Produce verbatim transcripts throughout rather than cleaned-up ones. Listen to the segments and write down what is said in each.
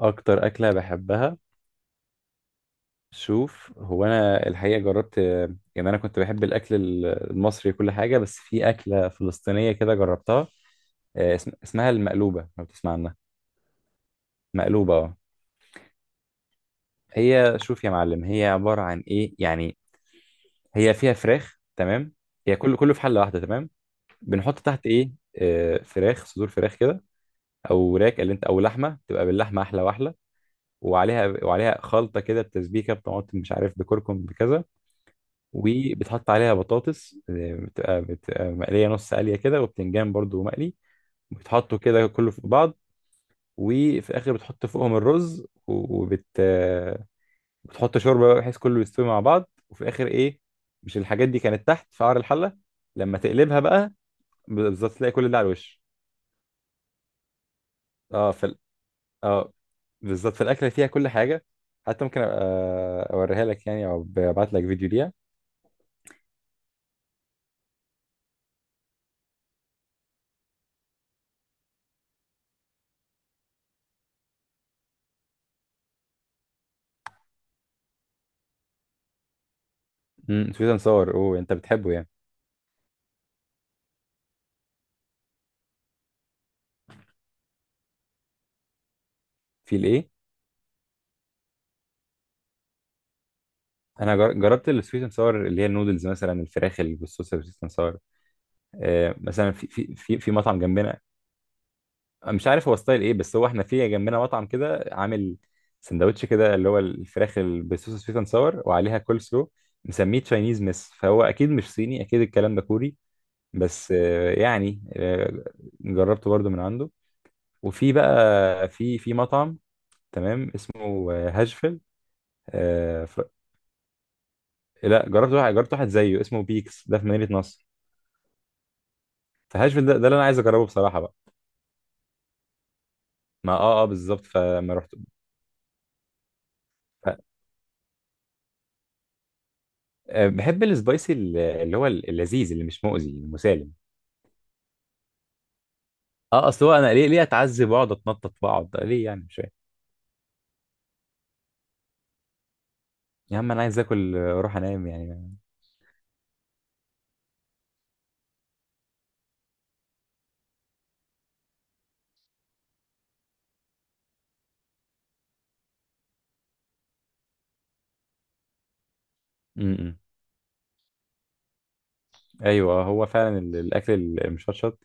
اكتر اكله بحبها، شوف هو انا الحقيقه جربت. يعني انا كنت بحب الاكل ال- المصري كل حاجه، بس في اكله فلسطينيه كده جربتها. آه، اسم- اسمها المقلوبه، لو تسمع عنها. مقلوبه، اه. هي شوف يا معلم، هي عباره عن ايه يعني. هي فيها فراخ، تمام؟ هي كله كله في حله واحده، تمام. بنحط تحت ايه؟ آه، فراخ، صدور فراخ كده، او راك اللي انت، او لحمه تبقى باللحمه احلى واحلى. وعليها وعليها خلطه كده، بتسبيكه بطماطم، مش عارف بكركم بكذا. وبتحط عليها بطاطس، آه، بتبقى بتبقى مقليه نص قليه كده، وبتنجان برضو مقلي. بتحطه كده كله في بعض، وفي الاخر بتحط فوقهم الرز. و- وبت آه، بتحط شوربه بقى، بحيث كله يستوي مع بعض، وفي الاخر ايه؟ مش الحاجات دي كانت تحت في قعر الحله، لما تقلبها بقى، بالظبط تلاقي كل ده على الوش. اه في ال- اه بالظبط، في الاكله فيها كل حاجه. حتى ممكن ابقى اوريها لك يعني، او ابعت لك فيديو ليها. امم سويت اند صور، اوه انت بتحبه يعني. في الايه، انا جر- جربت السويت اند ساور اللي هي النودلز، مثلا الفراخ اللي بالصوص السويت اند ساور. آه، مثلا في في في في مطعم جنبنا، مش عارف هو ستايل ايه، بس هو احنا في جنبنا مطعم كده عامل سندوتش كده، اللي هو الفراخ اللي بالصوص السويت اند ساور وعليها كول سلو. مسميه تشاينيز مس، فهو اكيد مش صيني، اكيد الكلام ده كوري. بس آه، يعني آه، جربته برضو من عنده. وفي بقى في في مطعم تمام، اسمه آه، هاشفيل. آه، ف... لا، جربت واحد جربت واحد زيه اسمه بيكس، ده في مدينة نصر. فهاشفيل ده, ده اللي انا عايز اجربه بصراحه بقى. ما اه اه بالظبط، فما رحت. ف- آه، بحب السبايسي ال- اللي هو ال- اللذيذ اللي مش مؤذي، المسالم. اه اصل هو انا ليه ليه اتعذب واقعد اتنطط واقعد ليه يعني، مش فاهم. يا عم انا عايز اكل آه، واروح انام يعني. امم ايوه هو فعلا ال- الاكل المشطشط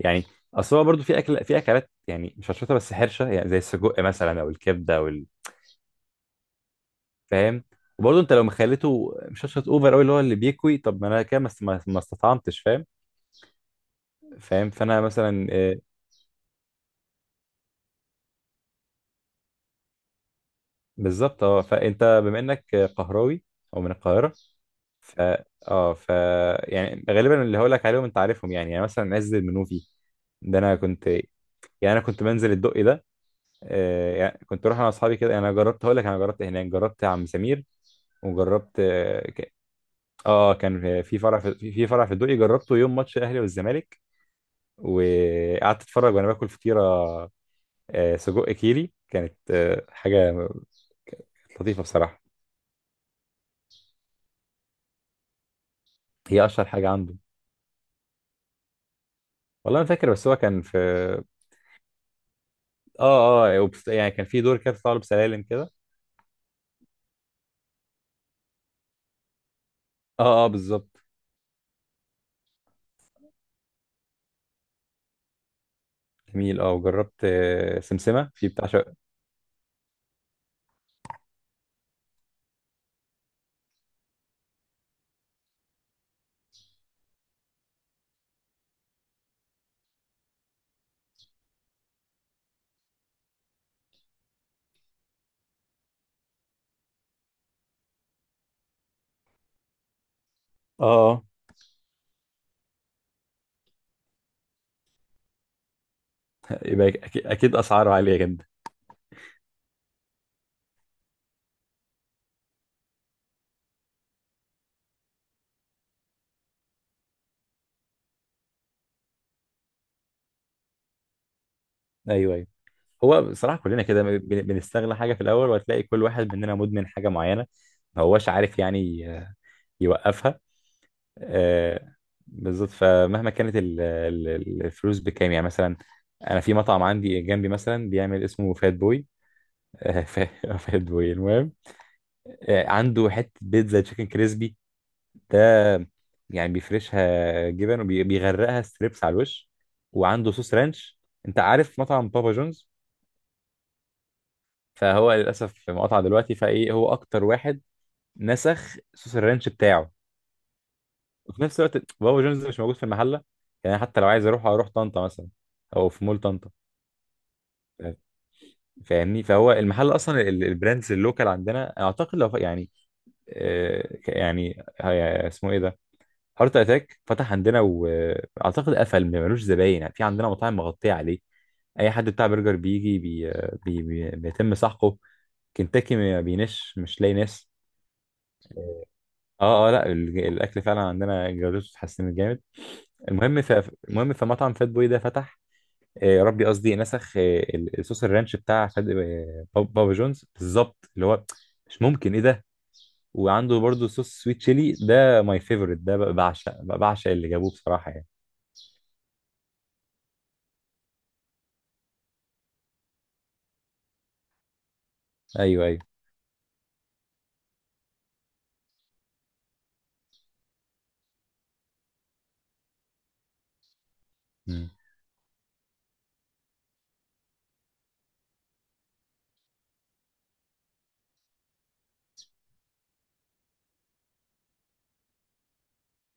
يعني. اصل هو برضه في اكل، في اكلات يعني مشطشطه بس حرشه، يعني زي السجق مثلا، او الكبده، او ال-. فاهم. وبرضه انت لو مخليته مشطشط اوفر قوي، اللي هو اللي بيكوي، طب ما انا كده ما است- ما ما استطعمتش، فاهم؟ فاهم. فانا مثلا آه، بالظبط. اه فانت بما انك قهراوي، او من القاهره. ف اه ف يعني غالبا اللي هقول لك عليهم انت عارفهم يعني، يعني مثلا عز المنوفي، ده انا كنت يعني، انا كنت بنزل الدقي ده. آه يعني كنت اروح انا واصحابي كده. انا جربت، هقول لك، انا جربت هناك، جربت عم سمير. وجربت اه ك- آه، آه، كان في فرع في في في فرع في الدقي، جربته يوم ماتش الاهلي والزمالك. وقعدت اتفرج وانا باكل فطيره آه سجق كيري، كانت آه حاجه لطيفه بصراحه. هي اشهر حاجه عنده. والله ما فاكر، بس هو كان في، اه اه وبس- يعني كان في دور كده بتطلع له بسلالم كده. اه اه بالظبط. جميل. اه وجربت آه، سمسمه في بتاع شا.... اه اه يبقى أكيد, اكيد اسعاره عاليه جدا. ايوه ايوه. هو بصراحه كلنا كده بن- بنستغل حاجه في الاول، وهتلاقي كل واحد مننا مدمن حاجه معينه، ما هوش عارف يعني آه، يوقفها. آه بالظبط. فمهما كانت ال- ال- ال- الفلوس بكام يعني، مثلا انا في مطعم عندي جنبي مثلا بيعمل، اسمه فات بوي. فات بوي، المهم، آه، عنده حته بيتزا تشيكن كريسبي ده، يعني بيفرشها جبن وبيغرقها ستريبس على الوش. وعنده صوص رانش. انت عارف مطعم بابا جونز؟ فهو للاسف مقطع دلوقتي، فايه، هو اكتر واحد نسخ صوص الرانش بتاعه. وفي نفس الوقت بابا جونز مش موجود في المحله، يعني حتى لو عايز اروح، اروح طنطا مثلا، او في مول طنطا. فا- فاهمني؟ فهو المحل اصلا، ال- البراندز اللوكال عندنا، اعتقد لو ف- يعني آه، ك- يعني هي- اسمه ايه ده، هارت اتاك، فتح عندنا واعتقد قفل، ما ملوش زباين. يعني في عندنا مطاعم مغطيه عليه. اي حد بتاع برجر بيجي بي... بي... بي... بيتم سحقه. كنتاكي ما بينش، مش لاقي ناس. اه اه، لا ال- الاكل فعلا عندنا جودته اتحسنت جامد. المهم ف... المهم فمطعم فات بوي ده فتح، آه، يا ربي قصدي نسخ آه، ال- الصوص الرانش بتاع فات آه، باب- بابا جونز بالظبط، اللي هو، مش ممكن ايه ده. وعنده برضو صوص سويت شيلي ده، ماي فيفورت ده، ب- بعشق، ب- بعشق اللي جابوه بصراحه يعني. ايوه ايوه. مم.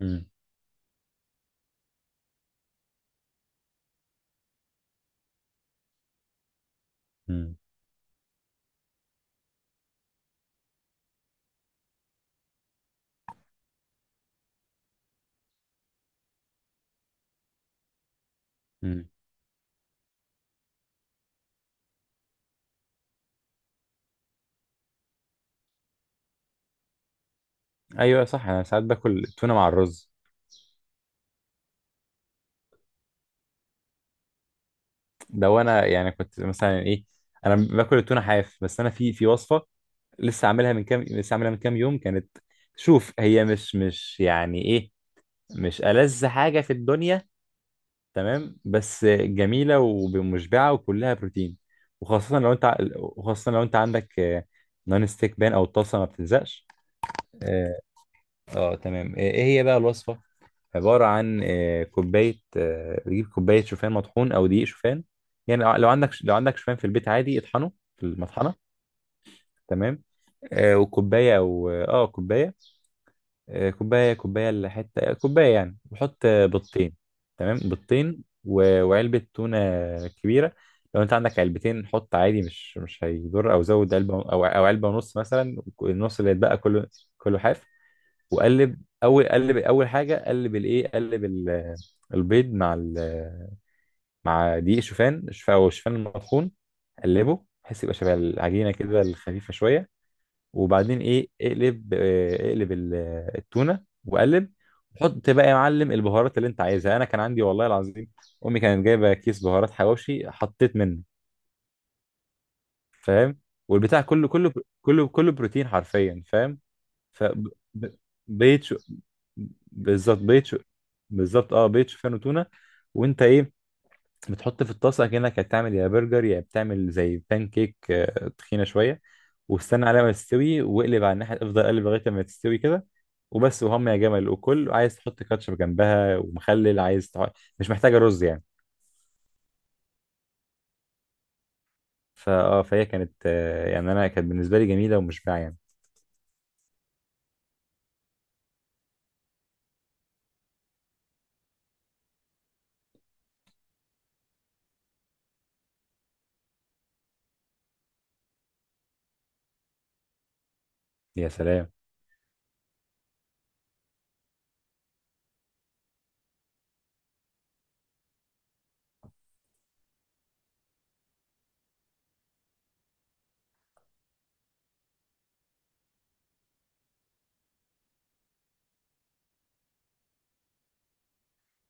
مم. مم. مم. ايوه صح، انا ساعات باكل التونه مع الرز. ده وانا يعني كنت مثلا ايه، انا باكل التونه حاف، بس انا في في وصفه لسه عاملها من كام، لسه عاملها من كام يوم، كانت، شوف هي مش مش يعني ايه، مش ألذ حاجه في الدنيا، تمام، بس جميله ومشبعه وكلها بروتين. وخاصه لو انت ع- وخاصه لو انت عندك آه، نون ستيك بان، او الطاسه ما بتلزقش. اه آه، تمام. ايه إيه هي بقى الوصفه؟ عبارة عن آه، كوباية آه، بتجيب كوباية شوفان مطحون أو دقيق شوفان، يعني لو عندك، لو عندك شوفان في البيت، عادي اطحنه في المطحنة، تمام. آه، وكوباية، أو آه كوباية آه، كوباية كوباية لحتة كوباية يعني. وحط آه، بيضتين. تمام، بيضتين و- وعلبة تونة كبيرة. لو أنت عندك علبتين حط، عادي مش مش هيضر، أو زود علبة، أو أو علبة ونص مثلا، النص اللي يتبقى كله، كله حاف. وقلب اول قلب اول حاجه، قلب الايه، قلب ال- البيض مع ال- مع دقيق شوفان، شوفان او شوفان المطحون. قلبه بحيث يبقى شبه العجينه كده الخفيفه شويه. وبعدين ايه، اقلب آه، اقلب ال- التونه وقلب. حط بقى يا معلم البهارات اللي انت عايزها. انا كان عندي والله العظيم امي كانت جايبه كيس بهارات حواوشي، حطيت منه. فاهم. والبتاع كله، كله كله كله بروتين حرفيا، فاهم. ف ب- بقيت شو- بالظبط بقيت شو- بالظبط اه، بقيت شوفان وتونه. وانت ايه، بتحط في الطاسه كانك هتعمل يا برجر، يا بتعمل زي بان كيك آه، تخينه شويه. واستنى عليها ما تستوي، واقلب على الناحيه، افضل اقلب لغايه ما تستوي كده. وبس، وهم يا جمل. وكل، عايز تحط كاتشب جنبها ومخلل، عايز تح.... مش محتاجه رز يعني. فاه فهي كانت آه، يعني انا كانت بالنسبه لي جميله ومشبعه يعني. يا سلام.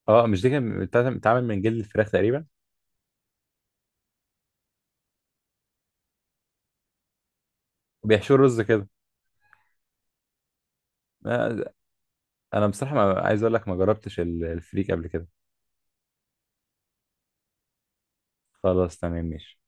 اه مش دي كانت بتتعمل من جلد الفراخ تقريبا؟ وبيحشوا رز كده. آه، انا بصراحه ما عايز اقول لك، ما جربتش ال- الفريك قبل كده. خلاص تمام، ماشي.